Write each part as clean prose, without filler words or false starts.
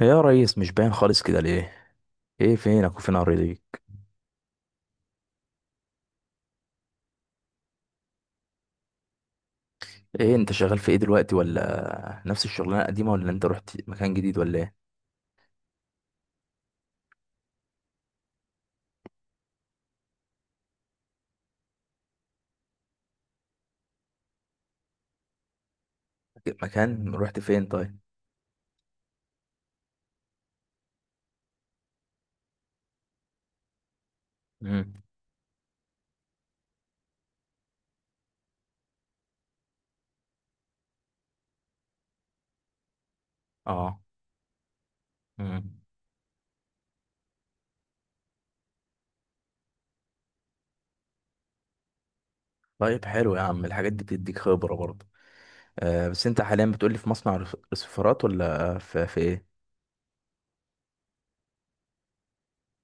يا ريس، مش باين خالص كده ليه؟ ايه فينك وفين اراضيك؟ ايه انت شغال في ايه دلوقتي، ولا نفس الشغلانه القديمه، ولا انت رحت مكان جديد، ولا ايه؟ مكان رحت فين؟ طيب. امم. اه. امم. طيب، حلو يا عم، الحاجات دي بتديك خبره برضه. آه، بس انت حاليا بتقولي في مصنع رسيفرات ولا في ايه؟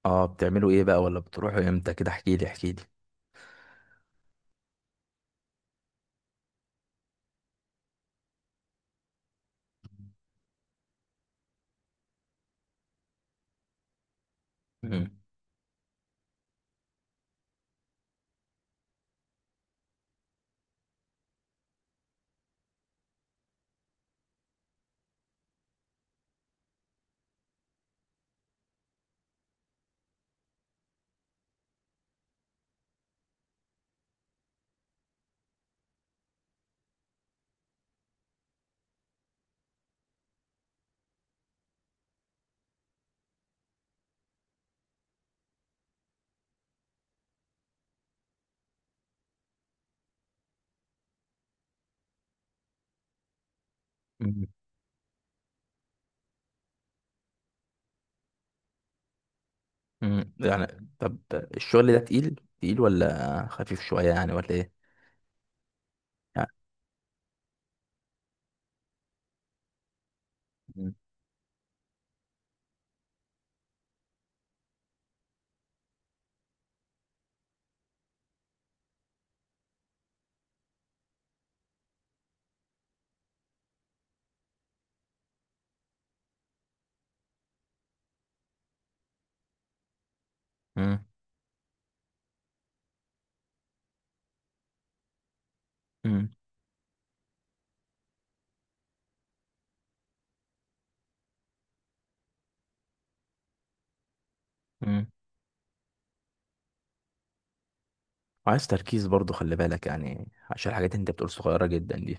اه. بتعملوا ايه بقى، ولا بتروحوا امتى؟ كده احكي لي احكي لي. امم. امم. أمم. يعني طب الشغل ده تقيل تقيل ولا خفيف شويه يعني، ولا ايه؟ يعني- مم. مم. مم. وعايز تركيز برضو، خلي بالك يعني، عشان الحاجات اللي انت بتقول صغيرة جدا دي.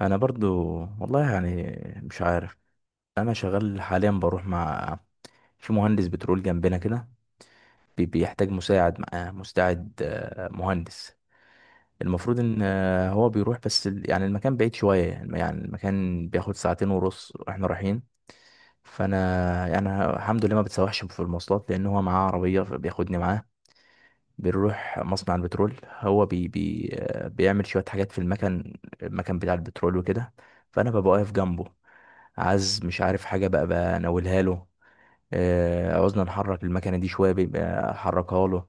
انا برضو، والله يعني، مش عارف. انا شغال حاليا، بروح مع، في مهندس بترول جنبنا كده. بيحتاج مساعد معاه مستعد مهندس. المفروض ان هو بيروح بس يعني المكان بعيد شوية، يعني المكان بياخد ساعتين ونص واحنا رايحين. فانا يعني الحمد لله ما بتسوحش في المواصلات، لان هو معاه عربية فبياخدني معاه. بنروح مصنع البترول، هو بي بيعمل شوية حاجات في المكن، المكن بتاع البترول وكده. فأنا ببقى واقف جنبه، عايز مش عارف حاجة بقى بناولها له. عاوزنا نحرك المكنة دي شوية بيبقى أحركها له.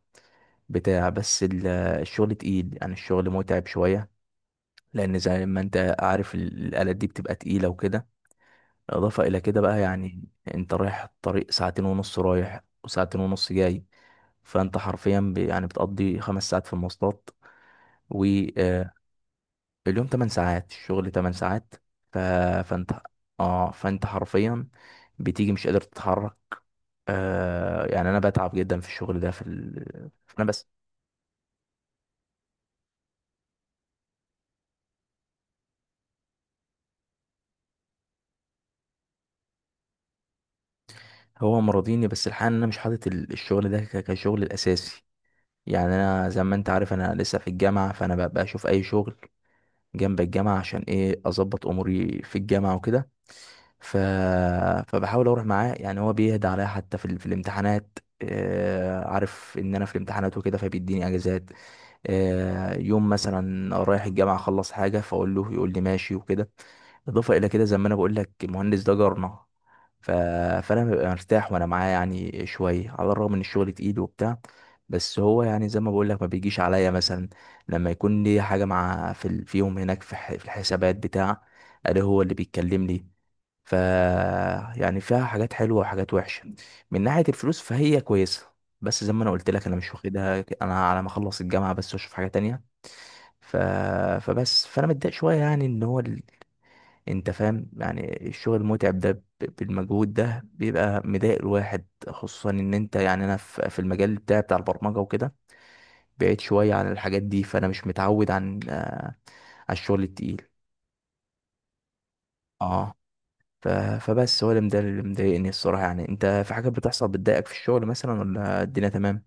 بتاع. بس الشغل تقيل يعني، الشغل متعب شوية، لأن زي ما أنت عارف الآلات دي بتبقى تقيلة وكده. إضافة إلى كده بقى يعني، أنت رايح الطريق ساعتين ونص رايح وساعتين ونص جاي، فأنت حرفيا يعني بتقضي 5 ساعات في المواصلات. واليوم 8 ساعات، الشغل 8 ساعات. ف... فانت، اه فانت حرفيا بتيجي مش قادر تتحرك. يعني انا بتعب جدا في الشغل ده في انا بس. هو مرضيني، بس الحقيقه إن انا مش حاطط الشغل ده كشغل الاساسي. يعني انا زي ما انت عارف انا لسه في الجامعه، فانا بشوف اي شغل جنب الجامعة عشان ايه اظبط اموري في الجامعة وكده. ف... فبحاول اروح معاه يعني، هو بيهدى عليا حتى في الامتحانات، عارف ان انا في الامتحانات وكده فبيديني اجازات. يوم مثلا رايح الجامعة اخلص حاجة فاقول له يقول لي ماشي وكده. اضافة الى كده، زي ما انا بقول لك، المهندس ده جارنا. ف... فانا ببقى مرتاح وانا معاه يعني شوية، على الرغم ان الشغل تقيل وبتاع. بس هو يعني، زي ما بقول لك، ما بيجيش عليا. مثلا لما يكون لي حاجة مع في في يوم هناك في في الحسابات بتاع، ألاقيه هو اللي بيتكلم لي. ف يعني فيها حاجات حلوة وحاجات وحشة. من ناحية الفلوس فهي كويسة. بس زي ما أنا قلت لك، أنا مش واخدها أنا على ما أخلص الجامعة بس وأشوف حاجة تانية. ف... فبس، فأنا متضايق شوية يعني، إن هو أنت فاهم يعني الشغل المتعب ده بالمجهود ده بيبقى مضايق الواحد، خصوصا إن أنت يعني أنا في المجال بتاعي بتاع البرمجة وكده، بعيد شوية عن الحاجات دي، فأنا مش متعود على الشغل التقيل. اه. ف... فبس، هو ده اللي مضايقني الصراحة. يعني انت في حاجات بتحصل بتضايقك في الشغل مثلا، ولا الدنيا تمام؟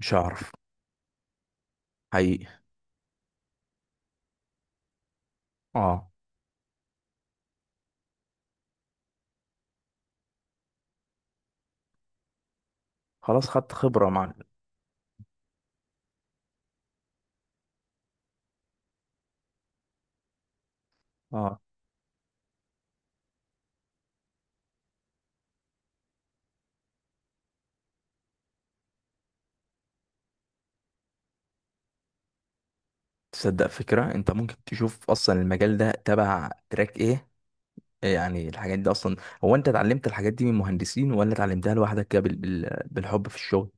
مش هعرف. حقيقي. اه. خلاص خدت خبرة. مع. اه، تصدق فكرة، انت ممكن تشوف اصلا المجال ده تبع تراك ايه؟ إيه يعني الحاجات دي اصلا؟ هو انت اتعلمت الحاجات دي من مهندسين، ولا اتعلمتها لوحدك كده بالحب في الشغل؟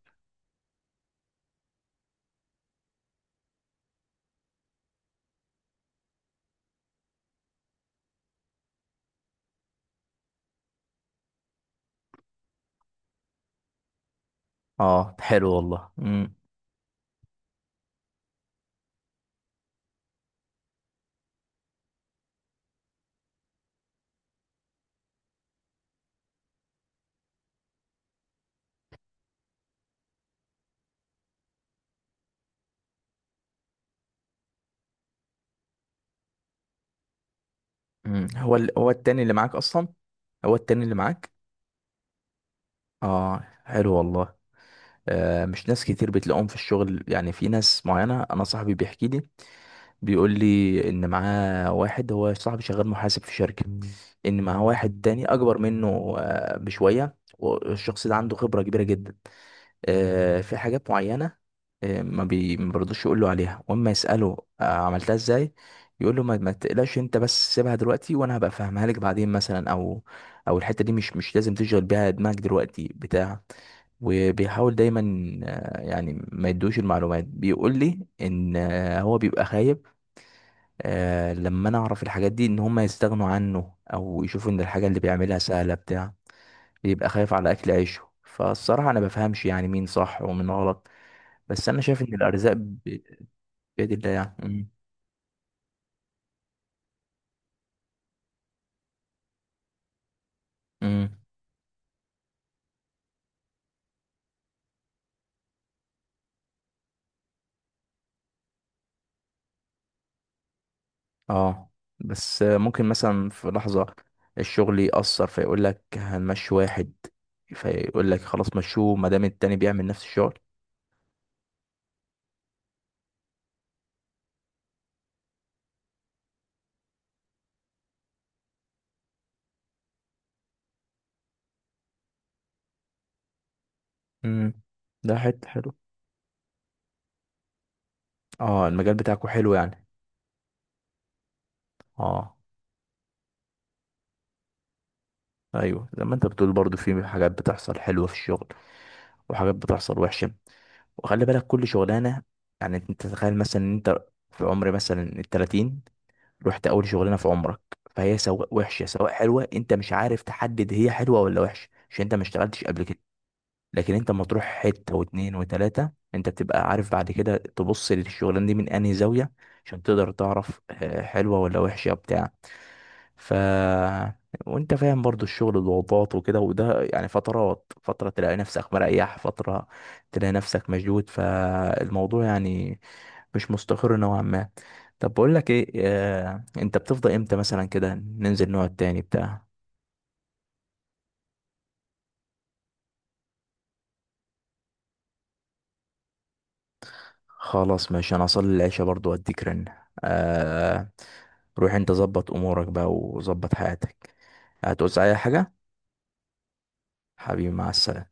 اه حلو والله. امم. امم. هو هو التاني اللي معاك اصلا؟ هو التاني اللي معاك؟ اه. حلو والله. مش ناس كتير بتلاقوهم في الشغل، يعني في ناس معينة. أنا صاحبي بيحكي لي، بيقول لي إن معاه واحد، هو صاحبي شغال محاسب في شركة، إن معاه واحد تاني أكبر منه بشوية، والشخص ده عنده خبرة كبيرة جدا في حاجات معينة، ما بيرضوش يقولوا عليها، واما يسأله عملتها ازاي، يقول له ما تقلقش انت بس، سيبها دلوقتي وانا هبقى افهمها لك بعدين مثلا، او او الحتة دي مش لازم تشغل بيها دماغك دلوقتي بتاع. وبيحاول دايما يعني ما يدوش المعلومات. بيقول لي ان هو بيبقى خايف لما انا اعرف الحاجات دي ان هم يستغنوا عنه او يشوفوا ان الحاجة اللي بيعملها سهلة بتاع، بيبقى خايف على اكل عيشه. فالصراحة انا بفهمش يعني مين صح ومين غلط. بس انا شايف ان الارزاق بيد الله يعني. امم. أمم. اه. بس ممكن مثلا في لحظه الشغل يأثر فيقول لك هنمشي واحد، فيقول لك خلاص مشوه ما دام التاني بيعمل نفس الشغل. امم. ده حته حلو. اه، المجال بتاعكو حلو يعني. اه. ايوه، زي ما انت بتقول برضو في حاجات بتحصل حلوه في الشغل، وحاجات بتحصل وحشه، وخلي بالك كل شغلانه. يعني انت تتخيل مثلا ان انت في عمر مثلا الـ30، رحت اول شغلانه في عمرك، فهي سواء وحشه سواء حلوه، انت مش عارف تحدد هي حلوه ولا وحشه عشان انت ما اشتغلتش قبل كده. لكن انت اما تروح حته واتنين وتلاته، انت بتبقى عارف بعد كده تبص للشغلانه دي من انهي زاويه، عشان تقدر تعرف حلوه ولا وحشه بتاع. ف وانت فاهم برضو الشغل، الضغوطات وكده، وده يعني فترات، فتره تلاقي نفسك مريح، فتره تلاقي نفسك مشدود، فالموضوع يعني مش مستقر نوعا ما. طب بقول لك ايه، انت بتفضى امتى مثلا كده ننزل نقعد تاني بتاع؟ خلاص ماشي، انا اصلي العشاء برضو واديك رن. آه. روح انت ظبط امورك بقى وظبط حياتك. هتعوز اي حاجة؟ حبيبي، مع السلامة.